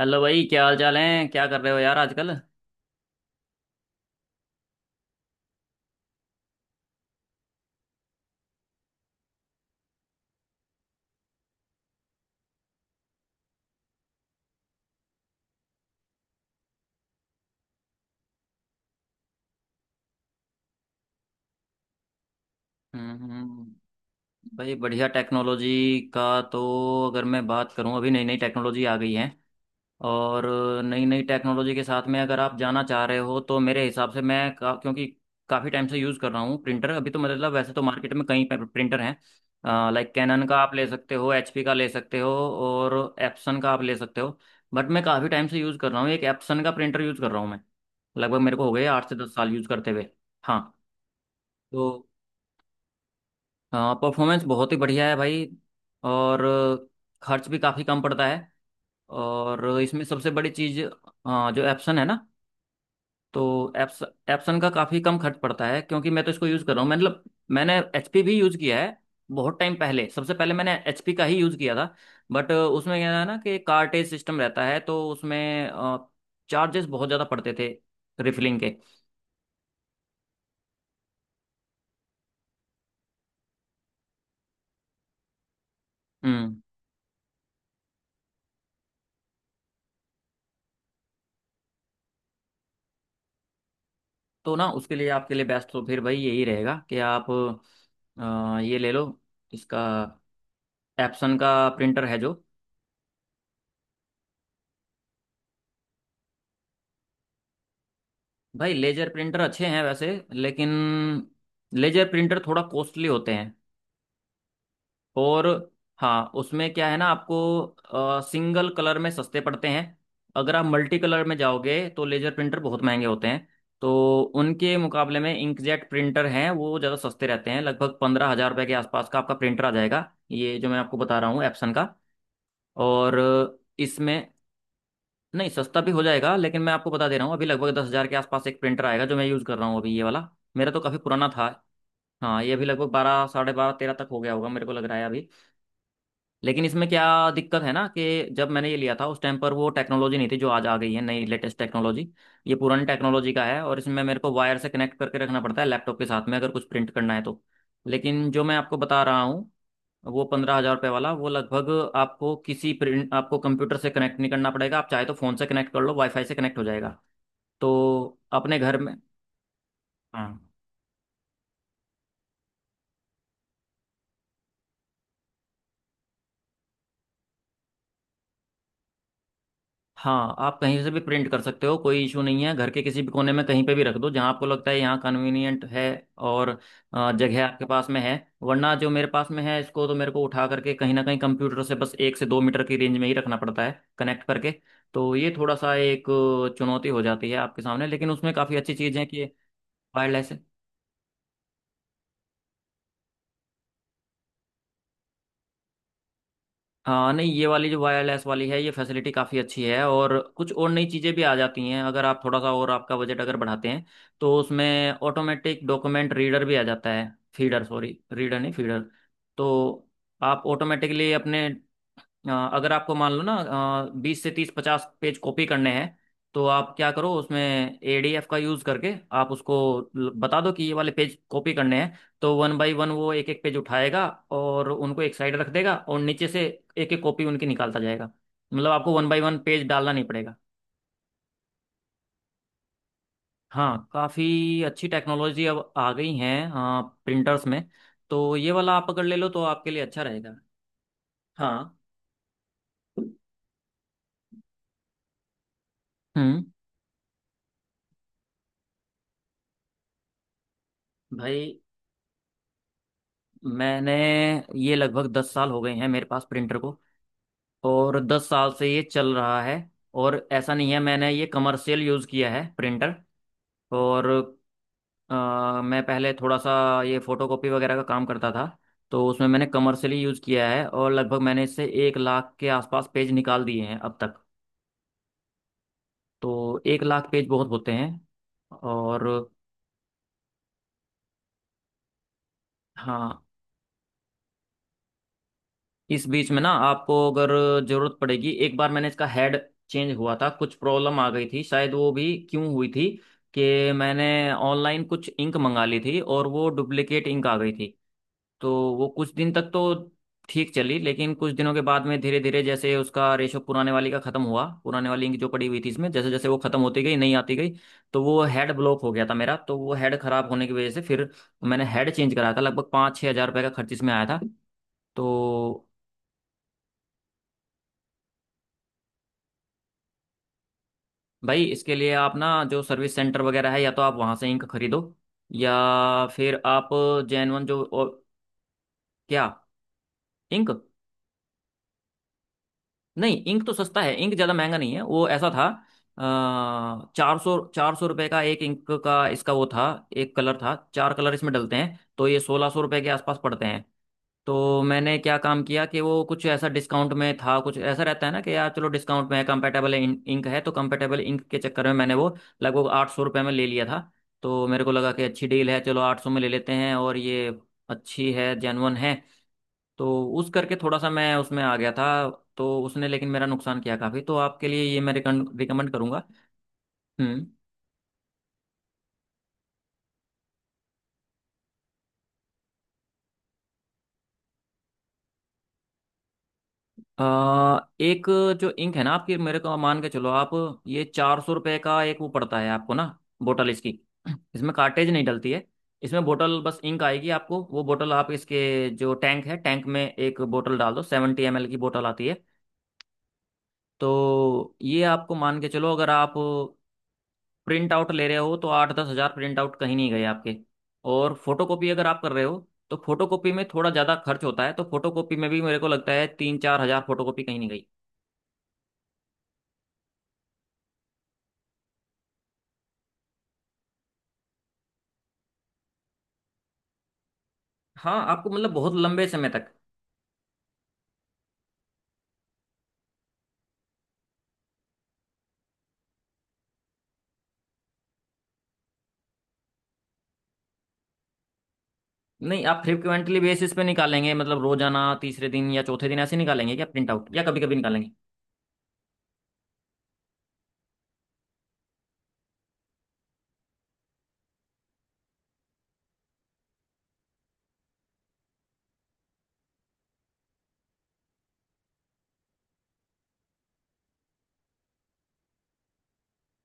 Hello भाई, क्या हाल चाल है? क्या कर रहे हो यार आजकल? हम्म। भाई, बढ़िया टेक्नोलॉजी का तो अगर मैं बात करूं, अभी नई नई टेक्नोलॉजी आ गई है। और नई नई टेक्नोलॉजी के साथ में अगर आप जाना चाह रहे हो तो मेरे हिसाब से क्योंकि काफ़ी टाइम से यूज़ कर रहा हूँ प्रिंटर अभी तो। मतलब वैसे तो मार्केट में कई प्रिंटर हैं, लाइक कैनन का आप ले सकते हो, एचपी का ले सकते हो और एप्सन का आप ले सकते हो। बट मैं काफ़ी टाइम से यूज़ कर रहा हूँ, एक एप्सन का प्रिंटर यूज़ कर रहा हूँ मैं। लगभग मेरे को हो गए 8 से 10 साल यूज़ करते हुए। हाँ। तो हाँ, परफॉर्मेंस बहुत ही बढ़िया है भाई। और खर्च भी काफ़ी कम पड़ता है। और इसमें सबसे बड़ी चीज़ जो एप्सन है ना, तो एप्सन का काफ़ी कम खर्च पड़ता है क्योंकि मैं तो इसको यूज़ कर रहा हूँ। मतलब मैंने एचपी भी यूज़ किया है, बहुत टाइम पहले सबसे पहले मैंने एचपी का ही यूज़ किया था। बट उसमें क्या है ना कि कार्टेज सिस्टम रहता है, तो उसमें चार्जेस बहुत ज़्यादा पड़ते थे रिफिलिंग के। हम्म। तो ना, उसके लिए आपके लिए बेस्ट तो फिर भाई यही रहेगा कि आप ये ले लो। इसका एप्सन का प्रिंटर है जो। भाई लेजर प्रिंटर अच्छे हैं वैसे, लेकिन लेजर प्रिंटर थोड़ा कॉस्टली होते हैं। और हाँ, उसमें क्या है ना, आपको सिंगल कलर में सस्ते पड़ते हैं। अगर आप मल्टी कलर में जाओगे तो लेजर प्रिंटर बहुत महंगे होते हैं। तो उनके मुकाबले में इंकजेट प्रिंटर हैं, वो ज़्यादा सस्ते रहते हैं। लगभग 15,000 रुपये के आसपास का आपका प्रिंटर आ जाएगा, ये जो मैं आपको बता रहा हूँ एप्सन का। और इसमें नहीं, सस्ता भी हो जाएगा लेकिन मैं आपको बता दे रहा हूँ अभी लगभग 10,000 के आसपास एक प्रिंटर आएगा, जो मैं यूज़ कर रहा हूँ अभी ये वाला। मेरा तो काफ़ी पुराना था। हाँ, ये अभी लगभग बारह साढ़े बारह तेरह तक हो गया होगा, मेरे को लग रहा है अभी। लेकिन इसमें क्या दिक्कत है ना कि जब मैंने ये लिया था उस टाइम पर वो टेक्नोलॉजी नहीं थी जो आज आ गई है, नई लेटेस्ट टेक्नोलॉजी। ये पुरानी टेक्नोलॉजी का है और इसमें मेरे को वायर से कनेक्ट करके रखना पड़ता है लैपटॉप के साथ में अगर कुछ प्रिंट करना है तो। लेकिन जो मैं आपको बता रहा हूँ, वो पंद्रह हजार रुपये वाला, वो लगभग आपको किसी प्रिंट, आपको कंप्यूटर से कनेक्ट नहीं करना पड़ेगा। आप चाहे तो फ़ोन से कनेक्ट कर लो, वाईफाई से कनेक्ट हो जाएगा। तो अपने घर में, हाँ हाँ, आप कहीं से भी प्रिंट कर सकते हो, कोई इशू नहीं है। घर के किसी भी कोने में कहीं पे भी रख दो जहाँ आपको लगता है यहाँ कन्वीनियंट है और जगह आपके पास में है। वरना जो मेरे पास में है, इसको तो मेरे को उठा करके कहीं ना कहीं कंप्यूटर से बस 1 से 2 मीटर की रेंज में ही रखना पड़ता है कनेक्ट करके। तो ये थोड़ा सा एक चुनौती हो जाती है आपके सामने, लेकिन उसमें काफ़ी अच्छी चीज़ है कि वायरलेस है। हाँ नहीं, ये वाली जो वायरलेस वाली है ये फैसिलिटी काफ़ी अच्छी है, और कुछ और नई चीज़ें भी आ जाती हैं अगर आप थोड़ा सा और आपका बजट अगर बढ़ाते हैं तो उसमें ऑटोमेटिक डॉक्यूमेंट रीडर भी आ जाता है। फीडर, सॉरी, रीडर नहीं, फीडर। तो आप ऑटोमेटिकली अपने अगर आपको मान लो ना 20 से 30 50 पेज कॉपी करने हैं, तो आप क्या करो उसमें एडीएफ का यूज करके आप उसको बता दो कि ये वाले पेज कॉपी करने हैं, तो वन बाय वन वो एक एक पेज उठाएगा और उनको एक साइड रख देगा और नीचे से एक एक कॉपी उनकी निकालता जाएगा। मतलब आपको वन बाय वन पेज डालना नहीं पड़ेगा। हाँ, काफ़ी अच्छी टेक्नोलॉजी अब आ गई हैं प्रिंटर्स में। तो ये वाला आप अगर ले लो तो आपके लिए अच्छा रहेगा। हाँ। हम्म। भाई मैंने, ये लगभग 10 साल हो गए हैं मेरे पास प्रिंटर को, और 10 साल से ये चल रहा है। और ऐसा नहीं है, मैंने ये कमर्शियल यूज़ किया है प्रिंटर। और अ, मैं पहले थोड़ा सा ये फोटोकॉपी वगैरह का काम करता था, तो उसमें मैंने कमर्शियली यूज़ किया है। और लगभग मैंने इससे 1 लाख के आसपास पेज निकाल दिए हैं अब तक। तो 1 लाख पेज बहुत होते हैं। और हाँ, इस बीच में ना आपको अगर जरूरत पड़ेगी, एक बार मैंने इसका हेड चेंज हुआ था, कुछ प्रॉब्लम आ गई थी शायद। वो भी क्यों हुई थी कि मैंने ऑनलाइन कुछ इंक मंगा ली थी और वो डुप्लीकेट इंक आ गई थी। तो वो कुछ दिन तक तो ठीक चली, लेकिन कुछ दिनों के बाद में धीरे धीरे जैसे उसका रेशो पुराने वाली का खत्म हुआ, पुराने वाली इंक जो पड़ी हुई थी इसमें, जैसे जैसे वो खत्म होती गई नहीं आती गई, तो वो हेड ब्लॉक हो गया था मेरा। तो वो हेड खराब होने की वजह से फिर मैंने हेड चेंज कराया था, लगभग 5-6 हज़ार रुपये का खर्च इसमें आया था। तो भाई इसके लिए आप ना जो सर्विस सेंटर वगैरह है, या तो आप वहां से इंक खरीदो या फिर आप जेनवन जो और क्या इंक, नहीं इंक तो सस्ता है, इंक ज़्यादा महंगा नहीं है, वो ऐसा था 400-400 रुपये का एक इंक का इसका वो था। एक कलर था, चार कलर इसमें डलते हैं, तो ये 1,600 रुपये के आसपास पड़ते हैं। तो मैंने क्या काम किया कि वो कुछ ऐसा डिस्काउंट में था, कुछ ऐसा रहता है ना कि यार चलो डिस्काउंट में है, कंपेटेबल इंक है, तो कंपेटेबल इंक के चक्कर में मैंने वो लगभग 800 रुपये में ले लिया था। तो मेरे को लगा कि अच्छी डील है, चलो 800 में ले लेते हैं और ये अच्छी है, जेन्युइन है। तो उस करके थोड़ा सा मैं उसमें आ गया था। तो उसने लेकिन मेरा नुकसान किया काफ़ी। तो आपके लिए ये मैं रिकमेंड करूंगा। हम्म। एक जो इंक है ना आपकी, मेरे को मान के चलो, आप ये 400 रुपये का एक वो पड़ता है आपको ना, बोतल इसकी। इसमें कार्टेज नहीं डलती है, इसमें बोतल बस इंक आएगी आपको। वो बोतल आप इसके जो टैंक है टैंक में एक बोतल डाल दो, 70 ml की बोतल आती है। तो ये आपको मान के चलो, अगर आप प्रिंट आउट ले रहे हो तो 8-10 हज़ार प्रिंट आउट कहीं नहीं गए आपके। और फोटोकॉपी अगर आप कर रहे हो तो फोटोकॉपी में थोड़ा ज़्यादा खर्च होता है, तो फोटोकॉपी में भी मेरे को लगता है 3-4 हज़ार फोटोकॉपी कहीं नहीं गई। हाँ, आपको मतलब बहुत लंबे समय तक नहीं। आप फ्रिक्वेंटली बेसिस पे निकालेंगे, मतलब रोजाना तीसरे दिन या चौथे दिन ऐसे निकालेंगे क्या प्रिंट आउट, या कभी कभी निकालेंगे?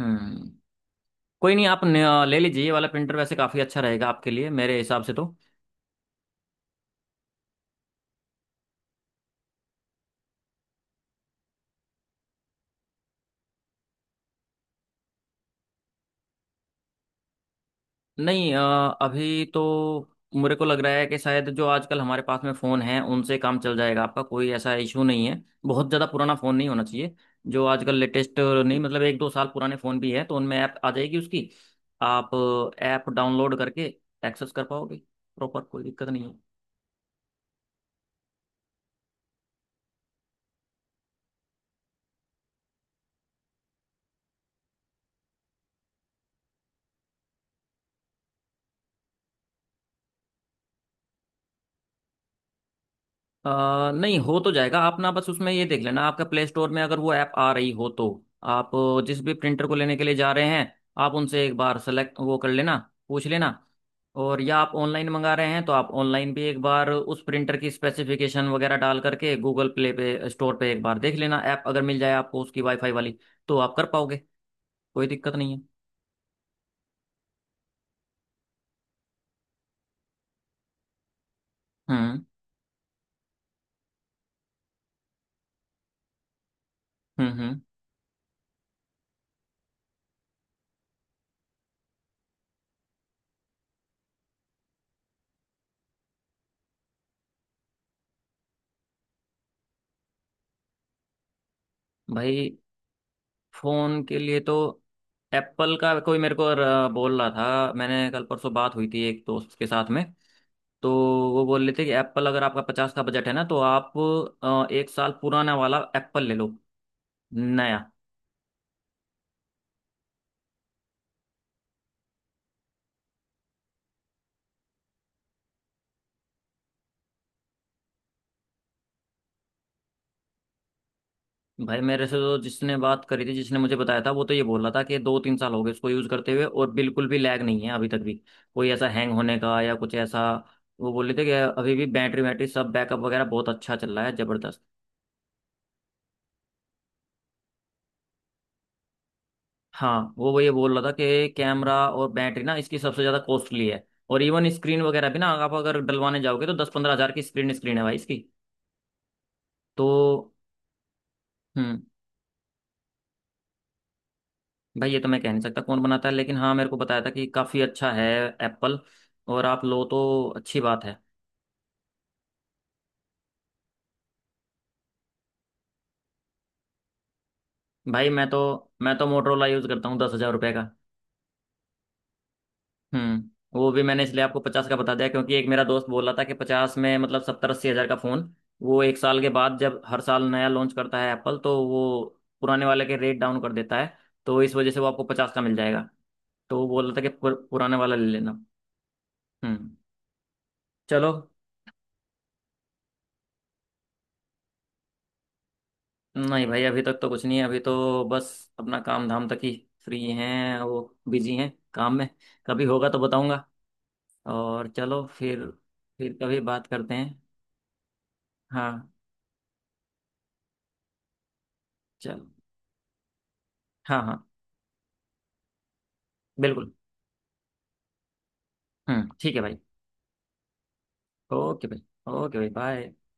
हम्म। कोई नहीं, आप ले लीजिए ये वाला प्रिंटर, वैसे काफ़ी अच्छा रहेगा आपके लिए मेरे हिसाब से तो। नहीं अभी तो मेरे को लग रहा है कि शायद जो आजकल हमारे पास में फ़ोन है उनसे काम चल जाएगा आपका, कोई ऐसा इशू नहीं है। बहुत ज़्यादा पुराना फ़ोन नहीं होना चाहिए, जो आजकल लेटेस्ट नहीं। मतलब 1-2 साल पुराने फ़ोन भी है तो उनमें ऐप आ जाएगी उसकी। आप ऐप डाउनलोड करके एक्सेस कर पाओगे, प्रॉपर कोई दिक्कत नहीं है। अ, नहीं, हो तो जाएगा, आप ना बस उसमें ये देख लेना, आपका प्ले स्टोर में अगर वो ऐप आ रही हो तो आप जिस भी प्रिंटर को लेने के लिए जा रहे हैं, आप उनसे एक बार सेलेक्ट वो कर लेना, पूछ लेना। और या आप ऑनलाइन मंगा रहे हैं तो आप ऑनलाइन भी एक बार उस प्रिंटर की स्पेसिफिकेशन वगैरह डाल करके गूगल प्ले पे स्टोर पे एक बार देख लेना, ऐप अगर मिल जाए आपको उसकी वाईफाई वाली तो आप कर पाओगे, कोई दिक्कत नहीं है। हम्म, हम्म, हम्म। भाई फोन के लिए तो एप्पल का कोई, मेरे को बोल रहा था, मैंने कल परसों बात हुई थी एक दोस्त के साथ में। तो वो बोल रहे थे कि एप्पल, अगर आपका 50 का बजट है ना तो आप एक साल पुराना वाला एप्पल ले लो, नया। भाई मेरे से तो जिसने बात करी थी, जिसने मुझे बताया था, वो तो ये बोल रहा था कि 2-3 साल हो गए इसको यूज़ करते हुए और बिल्कुल भी लैग नहीं है अभी तक भी, कोई ऐसा हैंग होने का या कुछ ऐसा। वो बोल रहे थे कि अभी भी बैटरी वैटरी सब बैकअप वगैरह बहुत अच्छा चल रहा है, जबरदस्त। हाँ, वो ये बोल रहा था कि कैमरा और बैटरी ना इसकी सबसे ज्यादा कॉस्टली है। और इवन स्क्रीन वगैरह भी ना, आप अगर डलवाने जाओगे तो 10-15 हज़ार की स्क्रीन, स्क्रीन है भाई इसकी। तो हम्म। भाई, ये तो मैं कह नहीं सकता कौन बनाता है, लेकिन हाँ मेरे को बताया था कि काफी अच्छा है एप्पल, और आप लो तो अच्छी बात है। भाई मैं तो मोटरोला यूज करता हूँ, 10,000 रुपये। हम्म। वो भी मैंने इसलिए आपको 50 का बता दिया क्योंकि एक मेरा दोस्त बोल रहा था कि 50 में, मतलब 70-80 हज़ार का फोन, वो 1 साल के बाद, जब हर साल नया लॉन्च करता है एप्पल, तो वो पुराने वाले के रेट डाउन कर देता है। तो इस वजह से वो आपको 50 का मिल जाएगा। तो वो बोल रहा था कि पुराने वाला ले लेना। हम्म। चलो, नहीं भाई, अभी तक तो कुछ नहीं है। अभी तो बस अपना काम धाम तक ही फ्री हैं वो, बिजी हैं काम में। कभी होगा तो बताऊंगा। और चलो फिर कभी बात करते हैं। हाँ, चलो, हाँ हाँ बिल्कुल। हम्म, ठीक है भाई। ओके भाई। ओके भाई, बाय।